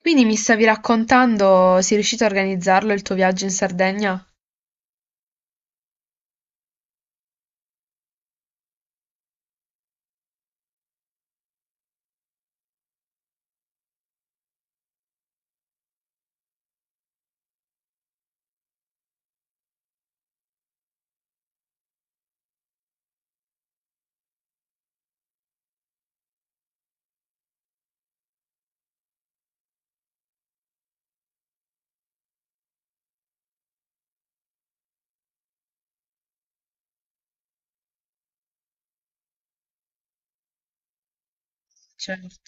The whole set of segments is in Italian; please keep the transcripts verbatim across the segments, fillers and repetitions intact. Quindi mi stavi raccontando, sei riuscito a organizzarlo il tuo viaggio in Sardegna? Certo.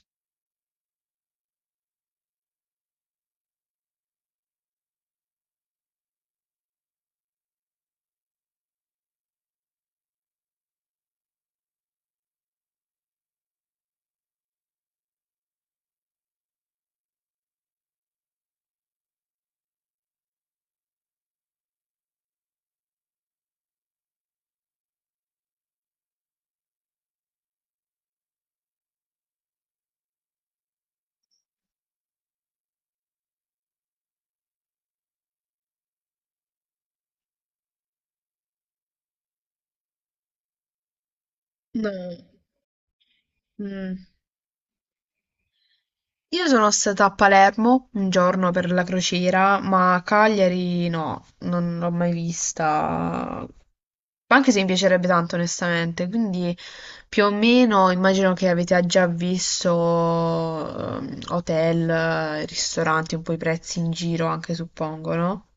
No. Mm. Io sono stata a Palermo un giorno per la crociera, ma a Cagliari no, non l'ho mai vista. Anche se mi piacerebbe tanto, onestamente. Quindi più o meno immagino che avete già visto ehm, hotel, ristoranti, un po' i prezzi in giro anche, suppongo, no?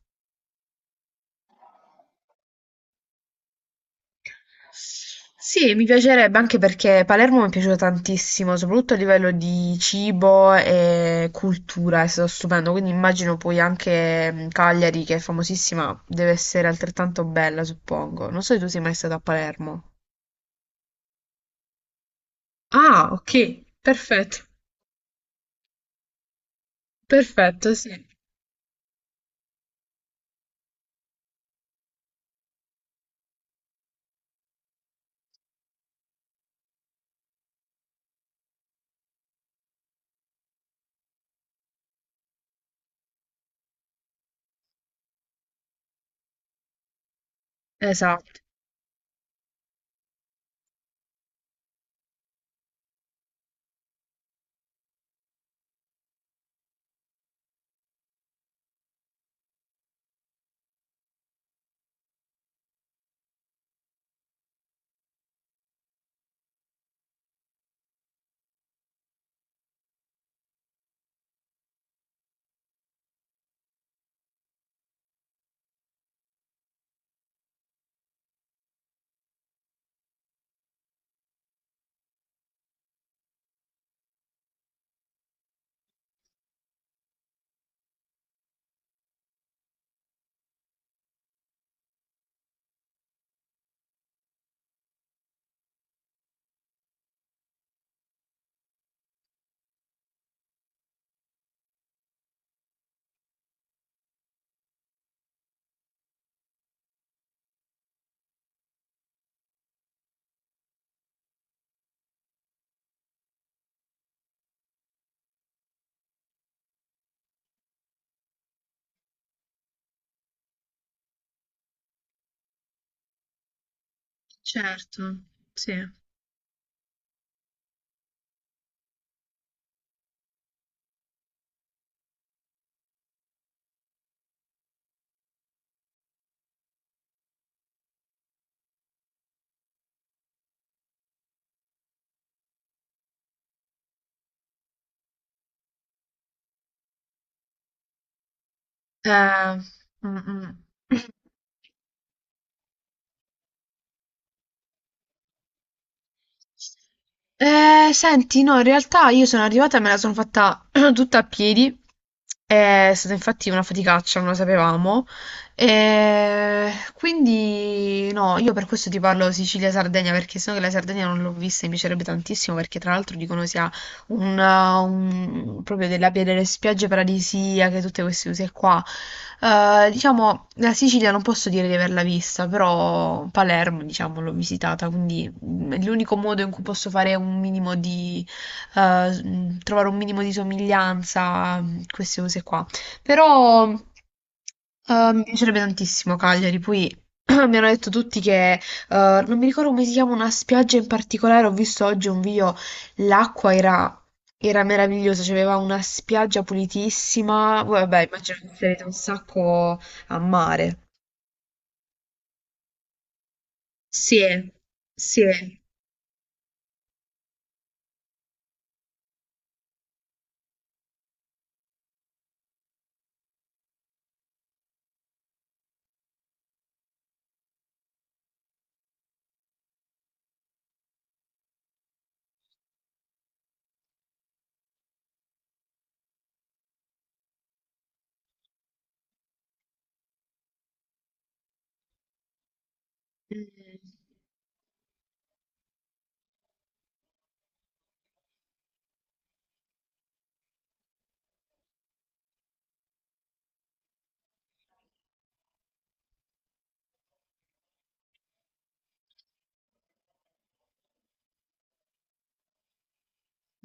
Sì, mi piacerebbe anche perché Palermo mi è piaciuta tantissimo, soprattutto a livello di cibo e cultura, è stato stupendo, quindi immagino poi anche mm, Cagliari, che è famosissima, deve essere altrettanto bella, suppongo. Non so se tu sei mai stato a Palermo. Ah, ok, perfetto, perfetto, sì, esatto, certo, sì. Eh, mm, mm. Eh, senti, no, in realtà io sono arrivata e me la sono fatta tutta a piedi. È stata infatti una faticaccia, non lo sapevamo. Eh, quindi, no, io per questo ti parlo Sicilia-Sardegna, perché sennò che la Sardegna non l'ho vista e mi piacerebbe tantissimo, perché tra l'altro dicono sia una- un- proprio della pia- delle spiagge paradisiache, tutte queste cose qua. Eh, diciamo, la Sicilia non posso dire di averla vista, però Palermo, diciamo, l'ho visitata, quindi mm, è l'unico modo in cui posso fare un minimo di, eh, s- mm, trovare un minimo di somiglianza, mm, queste cose qua. Però eh, mi piacerebbe tantissimo Cagliari, poi mi hanno detto tutti che, eh, non mi ricordo come si chiama una spiaggia in particolare, ho visto oggi un video, l'acqua era era meraviglioso, cioè, aveva una spiaggia pulitissima. Voi, vabbè, immagino che sarete un sacco a mare. Sì, sì. Mm,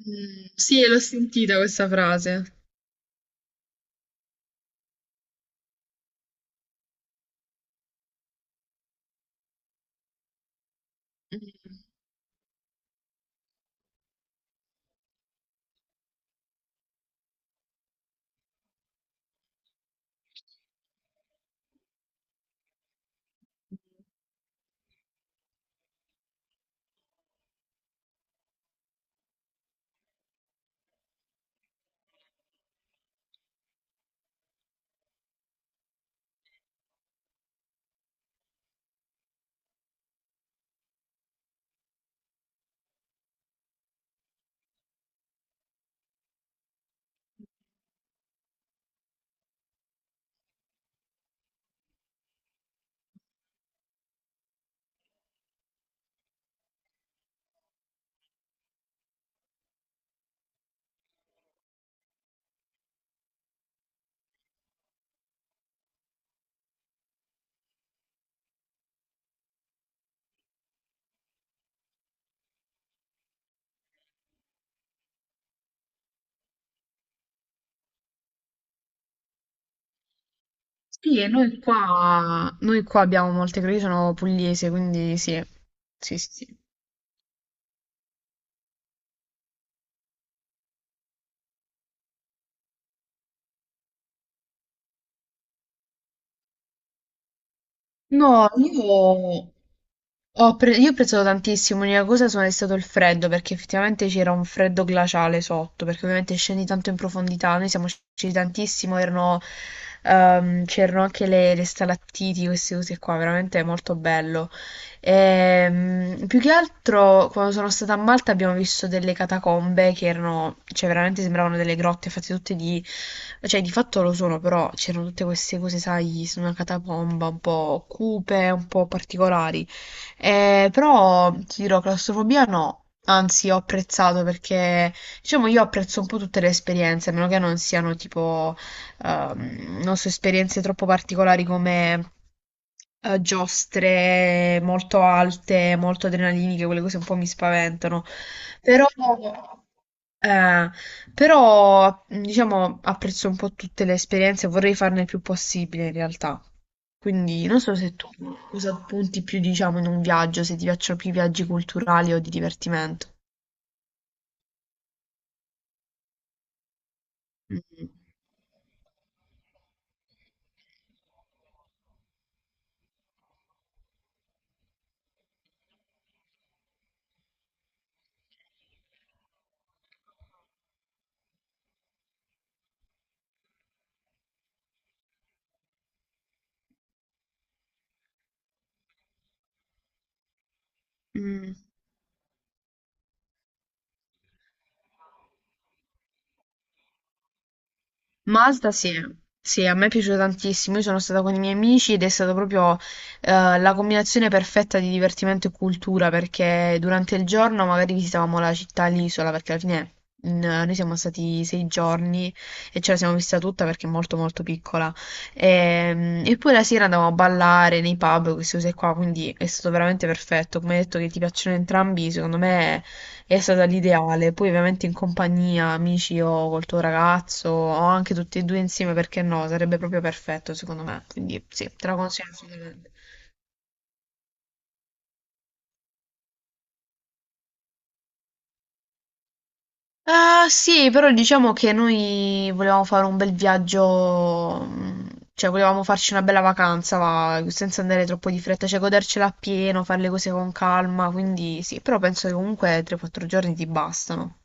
mm, sì, l'ho sentita questa frase. Mm. Sì, e noi qua, noi qua abbiamo molte, perché io sono pugliese, quindi sì, sì, sì, sì. No, io... Ho pre- io ho preso tantissimo, l'unica cosa sono- è stato il freddo, perché effettivamente c'era un freddo glaciale sotto, perché ovviamente scendi tanto in profondità, noi siamo scesi tantissimo, erano, ehm, c'erano anche le, le stalattiti, queste cose qua, veramente molto bello. Ehm, più che altro, quando sono stata a Malta abbiamo visto delle catacombe che erano, cioè veramente sembravano delle grotte fatte tutte di, cioè di fatto lo sono, però c'erano tutte queste cose, sai, su una catacomba un po' cupe, un po' particolari. Eh, però ti dirò, claustrofobia no, anzi ho apprezzato perché diciamo io apprezzo un po' tutte le esperienze, a meno che non siano tipo, ehm, non so, esperienze troppo particolari come eh, giostre molto alte, molto adrenaliniche, quelle cose un po' mi spaventano. Però... Eh, però, diciamo, apprezzo un po' tutte le esperienze, vorrei farne il più possibile in realtà. Quindi non so se tu cosa punti più, diciamo, in un viaggio, se ti piacciono più i viaggi culturali o di divertimento. Mm. Mm. Malta sì, sì, a me è piaciuto tantissimo. Io sono stata con i miei amici ed è stata proprio eh, la combinazione perfetta di divertimento e cultura perché durante il giorno magari visitavamo la città, l'isola, perché alla fine mm, noi siamo stati sei giorni e ce la siamo vista tutta perché è molto molto piccola. Ehm, E, poi la sera andavamo a ballare nei pub, queste cose qua, quindi è stato veramente perfetto. Come hai detto che ti piacciono entrambi, secondo me è stata l'ideale, poi ovviamente in compagnia, amici o col tuo ragazzo o anche tutti e due insieme, perché no? Sarebbe proprio perfetto secondo me, quindi sì, te la consiglio assolutamente. Ah, sì, però diciamo che noi volevamo fare un bel viaggio, mm, cioè volevamo farci una bella vacanza, va, senza andare troppo di fretta, cioè godercela appieno, fare le cose con calma, quindi sì, però penso che comunque tre o quattro giorni ti bastano.